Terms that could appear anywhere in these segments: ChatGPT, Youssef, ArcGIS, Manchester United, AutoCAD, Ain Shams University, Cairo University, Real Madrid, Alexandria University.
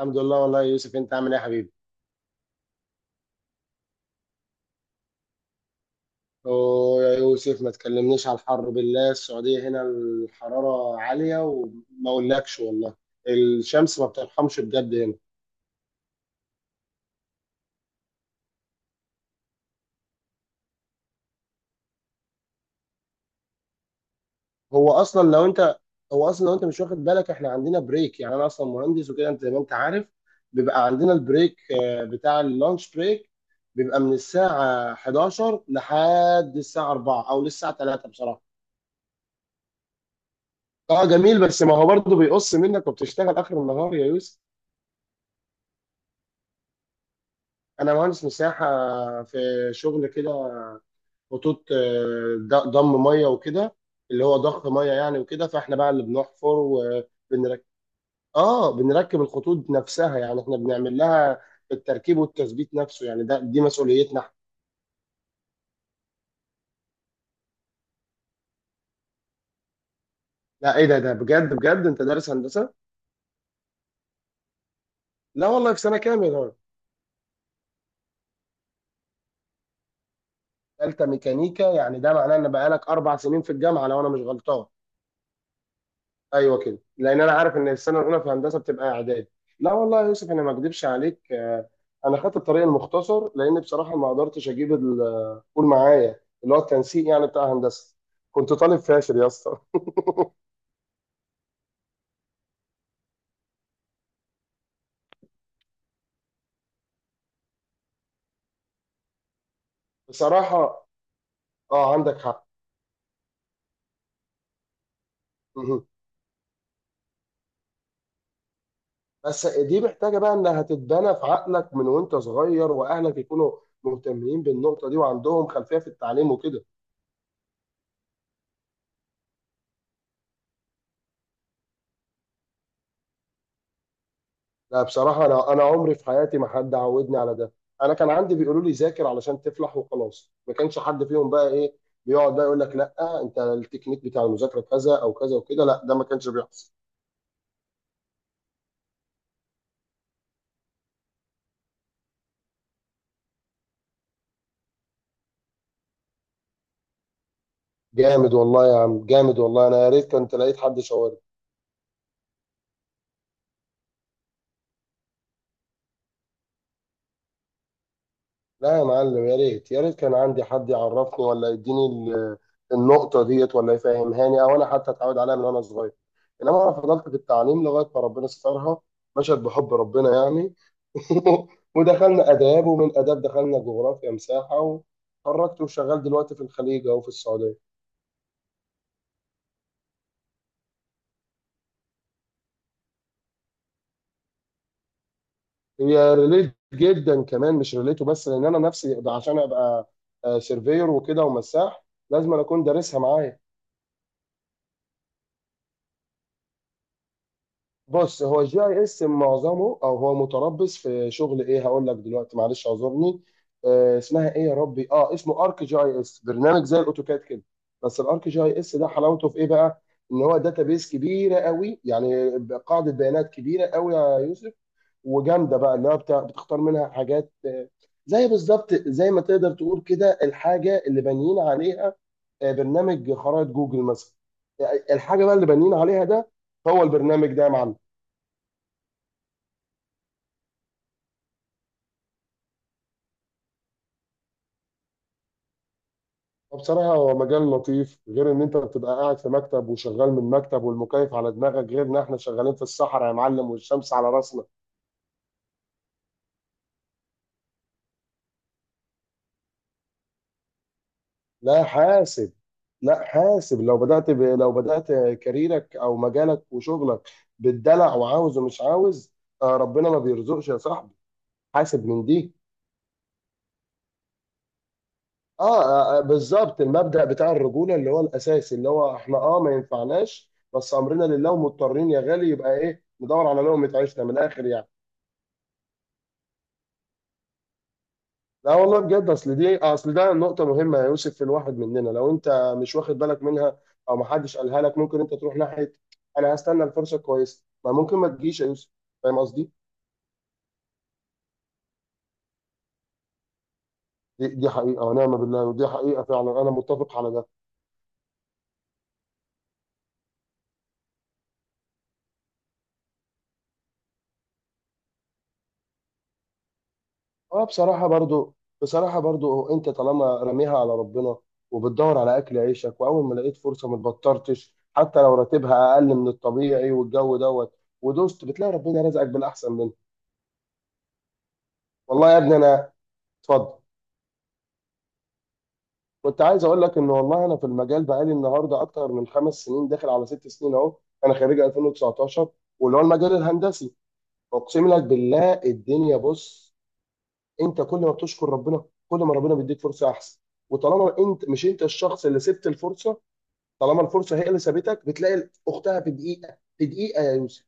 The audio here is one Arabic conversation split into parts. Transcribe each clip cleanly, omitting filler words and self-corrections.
الحمد لله والله يا يوسف، انت عامل ايه يا حبيبي؟ ويا يوسف ما تكلمنيش على الحر بالله، السعودية هنا الحرارة عالية وما اقولكش والله. الشمس ما بترحمش بجد هنا. هو اصلا لو انت هو اصلا لو انت مش واخد بالك، احنا عندنا بريك، يعني انا اصلا مهندس وكده انت زي ما انت عارف. بيبقى عندنا البريك، بتاع اللانش بريك، بيبقى من الساعة 11 لحد الساعة 4 او للساعة 3 بصراحة. اه جميل، بس ما هو برضه بيقص منك وبتشتغل اخر النهار يا يوسف. انا مهندس مساحه، في شغل كده، خطوط، ضم ميه وكده، اللي هو ضخ ميه يعني وكده، فاحنا بقى اللي بنحفر وبنركب. اه، بنركب الخطوط نفسها، يعني احنا بنعمل لها التركيب والتثبيت نفسه، يعني ده دي مسؤوليتنا احنا. لا ايه ده؟ ده بجد بجد انت دارس هندسه؟ لا والله، في سنه كام يا راجل؟ ثالثه ميكانيكا، يعني ده معناه ان بقالك 4 سنين في الجامعه لو انا مش غلطان. ايوه كده، لان انا عارف ان السنه الاولى في هندسه بتبقى اعداد. لا والله يا يوسف، انا ما اكذبش عليك انا خدت الطريق المختصر، لان بصراحه ما قدرتش اجيب قول معايا اللي هو التنسيق يعني بتاع هندسه. كنت طالب فاشل يا اسطى بصراحه اه عندك حق. مهم. بس دي محتاجه بقى انها تتبنى في عقلك من وانت صغير، واهلك يكونوا مهتمين بالنقطه دي وعندهم خلفيه في التعليم وكده. لا بصراحة أنا عمري في حياتي ما حد عودني على ده. أنا كان عندي بيقولوا لي ذاكر علشان تفلح وخلاص، ما كانش حد فيهم بقى إيه بيقعد بقى يقول لك لا أنت التكنيك بتاع المذاكرة كذا أو كذا وكده. لا، ده ما كانش بيحصل. جامد والله يا عم، جامد والله. أنا يا ريت كنت لقيت حد شاورني. لا يا معلم، يا ريت يا ريت كان عندي حد يعرفني ولا يديني النقطة ديت، ولا يفهمهاني أو أنا حتى أتعود عليها من وأنا صغير. إنما أنا فضلت في التعليم لغاية ما ربنا سترها، مشت بحب ربنا يعني ودخلنا آداب، ومن آداب دخلنا جغرافيا مساحة، وخرجت وشغال دلوقتي في الخليج أو في السعودية. هي ريليت جدا كمان، مش ريليته بس، لأن أنا نفسي عشان أبقى سيرفير وكده ومساح لازم أنا أكون دارسها معايا. بص، هو الجي اي اس معظمه او هو متربص في شغل ايه، هقول لك دلوقتي، معلش اعذرني. آه اسمها ايه يا ربي، اه اسمه ارك جي اي اس، برنامج زي الاوتوكاد كده. بس الارك جي اي اس ده حلاوته في ايه بقى؟ ان هو داتابيس كبيره قوي يعني، قاعده بيانات كبيره قوي يا يوسف. وجامده بقى، اللي هو بتختار منها حاجات، زي بالظبط زي ما تقدر تقول كده الحاجه اللي بانيين عليها، برنامج خرائط جوجل مثلا، الحاجه بقى اللي بانيين عليها ده. هو البرنامج ده يا معلم. بصراحة هو مجال لطيف، غير إن أنت بتبقى قاعد في مكتب وشغال من مكتب والمكيف على دماغك، غير إن إحنا شغالين في الصحراء يا معلم والشمس على راسنا. لا حاسب، لا حاسب، لو بدأت كاريرك أو مجالك وشغلك بالدلع وعاوز ومش عاوز، آه ربنا ما بيرزقش يا صاحبي. حاسب من دي. بالظبط، المبدأ بتاع الرجولة اللي هو الأساسي، اللي هو إحنا ما ينفعناش، بس أمرنا لله ومضطرين يا غالي، يبقى إيه، ندور على لقمة عيشنا من الآخر يعني. لا والله بجد، اصل دي اصل ده نقطة مهمة يا يوسف في الواحد مننا، لو انت مش واخد بالك منها او ما حدش قالها لك ممكن انت تروح ناحية. انا هستنى الفرصة كويسة، ما ممكن ما تجيش يا يوسف. فاهم قصدي؟ دي حقيقة ونعم بالله، ودي حقيقة فعلا انا متفق على ده. اه بصراحة برضو، بصراحة برضو انت طالما راميها على ربنا وبتدور على اكل عيشك، واول ما لقيت فرصة ما اتبطرتش حتى لو راتبها اقل من الطبيعي والجو دوت ودوست، بتلاقي ربنا رزقك بالاحسن منه. والله يا ابني انا، اتفضل. كنت عايز اقول لك ان والله انا في المجال بقالي النهارده اكتر من 5 سنين، داخل على 6 سنين اهو، انا خريج 2019، واللي هو المجال الهندسي. اقسم لك بالله الدنيا، بص، انت كل ما بتشكر ربنا كل ما ربنا بيديك فرصه احسن. وطالما انت مش انت الشخص اللي سبت الفرصه، طالما الفرصه هي اللي سابتك، بتلاقي اختها في دقيقه، في دقيقه يا يوسف.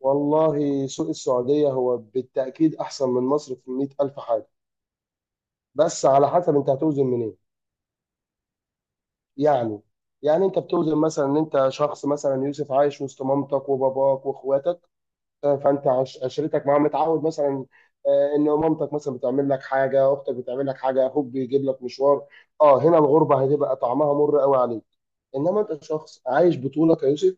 والله سوق السعوديه هو بالتاكيد احسن من مصر في 100,000 حاجه. بس على حسب انت هتوزن منين يعني. يعني انت بتوزن مثلا ان انت شخص مثلا يوسف عايش وسط مامتك وباباك واخواتك، فانت عشرتك معاه متعود مثلا، ان مامتك مثلا بتعمل لك حاجه، اختك بتعمل لك حاجه، اخوك بيجيب لك مشوار. اه هنا الغربه هتبقى طعمها مر قوي عليك. انما انت شخص عايش بطولك يا يوسف،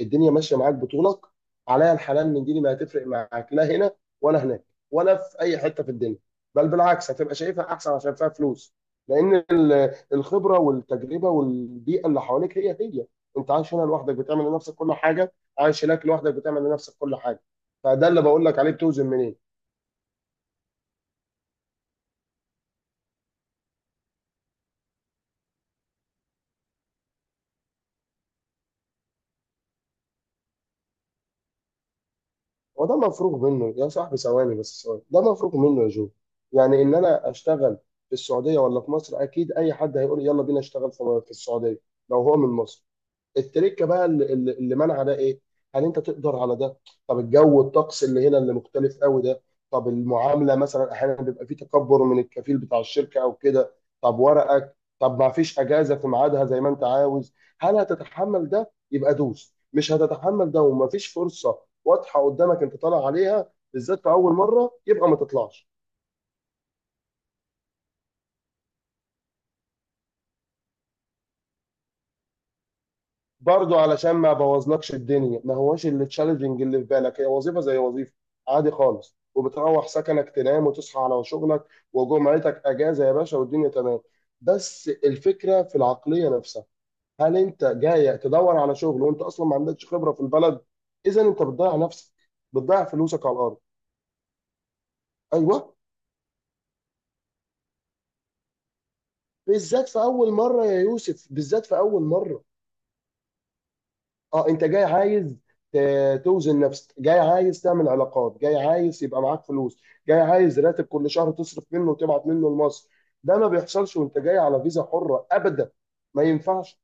الدنيا ماشيه معاك بطولك، عليا الحلال من ديني ما هتفرق معاك، لا هنا ولا هناك ولا في اي حته في الدنيا. بل بالعكس هتبقى شايفها احسن عشان فيها فلوس، لان الخبره والتجربه والبيئه اللي حواليك هي هي. انت عايش هنا لوحدك بتعمل لنفسك كل حاجه، عايش هناك لوحدك بتعمل لنفسك كل حاجه. فده اللي بقول لك عليه، بتوزن منين. وده مفروغ منه يا صاحبي، ثواني بس، ثواني، ده مفروغ منه يا جو. يعني ان انا اشتغل في السعوديه ولا في مصر، اكيد اي حد هيقول يلا بينا اشتغل في في السعوديه، لو هو من مصر. التركه بقى اللي منع ده ايه؟ هل انت تقدر على ده؟ طب الجو، الطقس اللي هنا اللي مختلف قوي ده، طب المعامله مثلا احيانا بيبقى في تكبر من الكفيل بتاع الشركه او كده، طب ورقك، طب ما فيش اجازه في ميعادها زي ما انت عاوز، هل هتتحمل ده؟ يبقى دوس. مش هتتحمل ده وما فيش فرصه واضحه قدامك انت طالع عليها بالذات في اول مره، يبقى ما تطلعش. برضه علشان ما بوظلكش الدنيا، ما هواش اللي تشالنجنج اللي في بالك، هي وظيفه زي وظيفه عادي خالص، وبتروح سكنك تنام وتصحى على شغلك، وجمعتك اجازه يا باشا والدنيا تمام. بس الفكره في العقليه نفسها، هل انت جاي تدور على شغل وانت اصلا ما عندكش خبره في البلد؟ اذا انت بتضيع نفسك، بتضيع فلوسك على الارض. ايوه بالذات في اول مره يا يوسف، بالذات في اول مره. اه انت جاي عايز توزن نفسك، جاي عايز تعمل علاقات، جاي عايز يبقى معاك فلوس، جاي عايز راتب كل شهر تصرف منه وتبعت منه لمصر، ده ما بيحصلش وانت جاي على فيزا حرة ابدا. ما ينفعش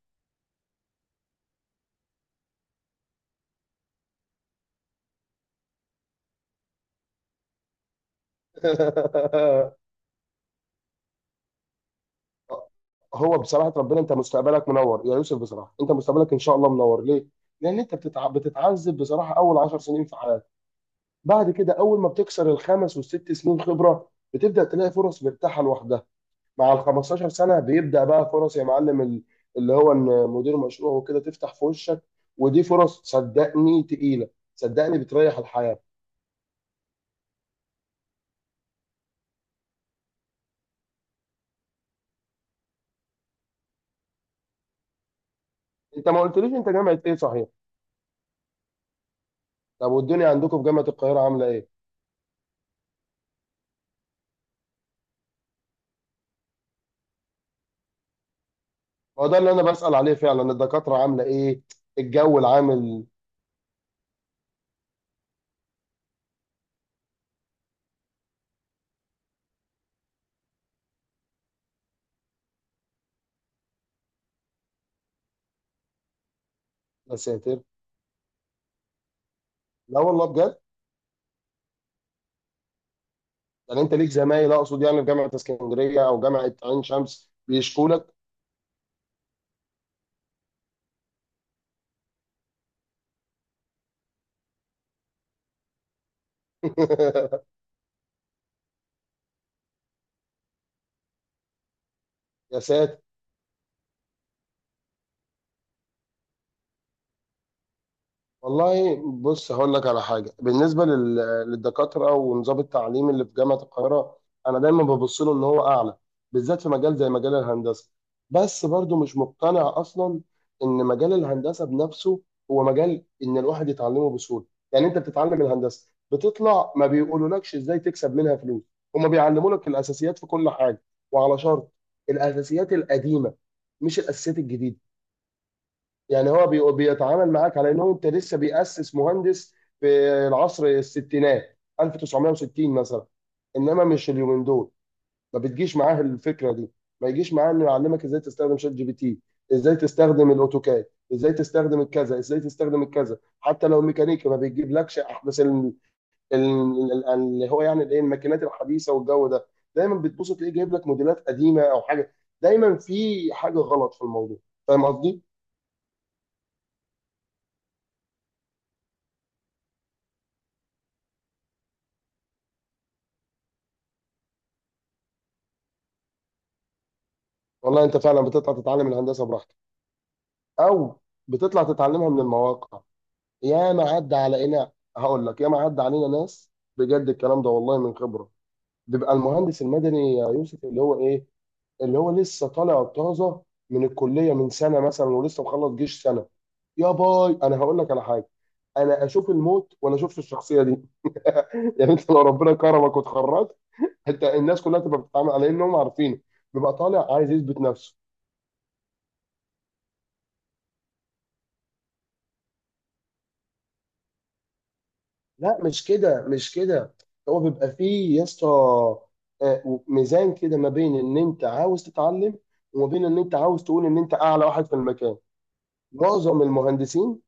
هو بصراحة ربنا، انت مستقبلك منور يا يوسف، بصراحة انت مستقبلك ان شاء الله منور. ليه؟ لان انت بتتعذب بصراحة اول 10 سنين في حياتك، بعد كده اول ما بتكسر ال 5 وال 6 سنين خبرة بتبدأ تلاقي فرص مرتاحة لوحدها. مع ال 15 سنه بيبدا بقى فرص يا معلم، اللي هو ان مدير مشروع وكده تفتح في وشك، ودي فرص صدقني تقيله، صدقني بتريح الحياه. انت ما قلتليش انت جامعه ايه صحيح؟ طب والدنيا عندكم في جامعه القاهره عامله ايه؟ هو ده اللي انا بسال عليه فعلا، الدكاتره عامله ايه؟ الجو العامل. يا ساتر. لا والله بجد. يعني انت ليك زمايل، اقصد يعني في جامعه اسكندريه او جامعه عين شمس بيشكوا لك؟ يا ساتر. والله بص، هقول لك على حاجه، بالنسبه للدكاتره ونظام التعليم اللي في جامعه القاهره، انا دايما ببص له ان هو اعلى، بالذات في مجال زي مجال الهندسه، بس برضو مش مقتنع اصلا ان مجال الهندسه بنفسه هو مجال ان الواحد يتعلمه بسهوله. يعني انت بتتعلم الهندسه بتطلع ما بيقولولكش ازاي تكسب منها فلوس، هما بيعلموا لك الاساسيات في كل حاجه، وعلى شرط الاساسيات القديمه مش الاساسيات الجديده. يعني هو بيتعامل معاك على انه انت لسه بيأسس مهندس في العصر الستينات 1960 مثلا، انما مش اليومين دول، ما بتجيش معاه الفكره دي، ما يجيش معاه انه يعلمك ازاي تستخدم شات جي بي تي، ازاي تستخدم الاوتوكاد، ازاي تستخدم الكذا، ازاي تستخدم الكذا، حتى لو ميكانيكي ما بيجيبلكش احدث اللي هو يعني الايه، الماكينات الحديثه والجو ده. دايما بتبص تلاقيه جايب لك موديلات قديمه او حاجه، دايما في حاجه غلط في الموضوع. فاهم قصدي؟ والله انت فعلا بتطلع تتعلم الهندسه براحتك، او بتطلع تتعلمها من المواقع. يا ما عدى علينا، هقول لك يا ما عدى علينا ناس، بجد الكلام ده والله من خبره. بيبقى المهندس المدني يا يوسف اللي هو ايه، اللي هو لسه طالع طازه من الكليه من سنه مثلا ولسه مخلص جيش سنه، يا باي انا هقول لك على حاجه، انا اشوف الموت ولا اشوفش الشخصيه دي يعني انت لو ربنا كرمك واتخرجت، انت الناس كلها تبقى بتتعامل على انهم عارفين، بيبقى طالع عايز يثبت نفسه. لا مش كده مش كده، هو بيبقى فيه يا اسطى ميزان كده، ما بين ان انت عاوز تتعلم وما بين ان انت عاوز تقول ان انت اعلى واحد في المكان. معظم المهندسين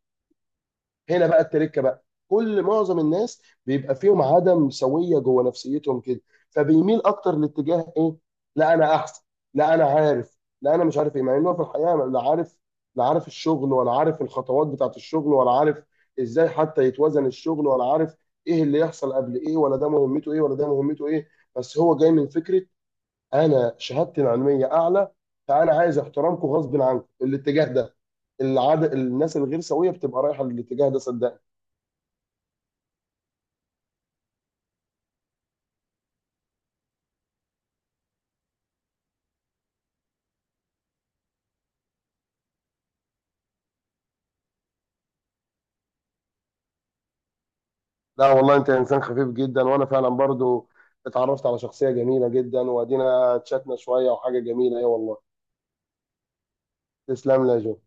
هنا بقى، التركه بقى كل معظم الناس بيبقى فيهم عدم سويه جوه نفسيتهم كده، فبيميل اكتر لاتجاه ايه، لا انا احسن، لا انا عارف، لا انا مش عارف ايه، مع انه في الحقيقه لا عارف، لا عارف الشغل، ولا عارف الخطوات بتاعت الشغل، ولا عارف ازاي حتى يتوزن الشغل، ولا عارف ايه اللي يحصل قبل ايه، ولا ده مهمته ايه ولا ده مهمته ايه. بس هو جاي من فكره انا شهادتي العلميه اعلى، فانا عايز احترامكم غصب عنكم، الاتجاه ده، العدد الناس الغير سويه بتبقى رايحه للاتجاه ده صدقني. لا والله انت انسان خفيف جدا، وانا فعلا برضو اتعرفت على شخصيه جميله جدا، وادينا تشاتنا شويه وحاجه جميله ايه والله. تسلم لي يا جو.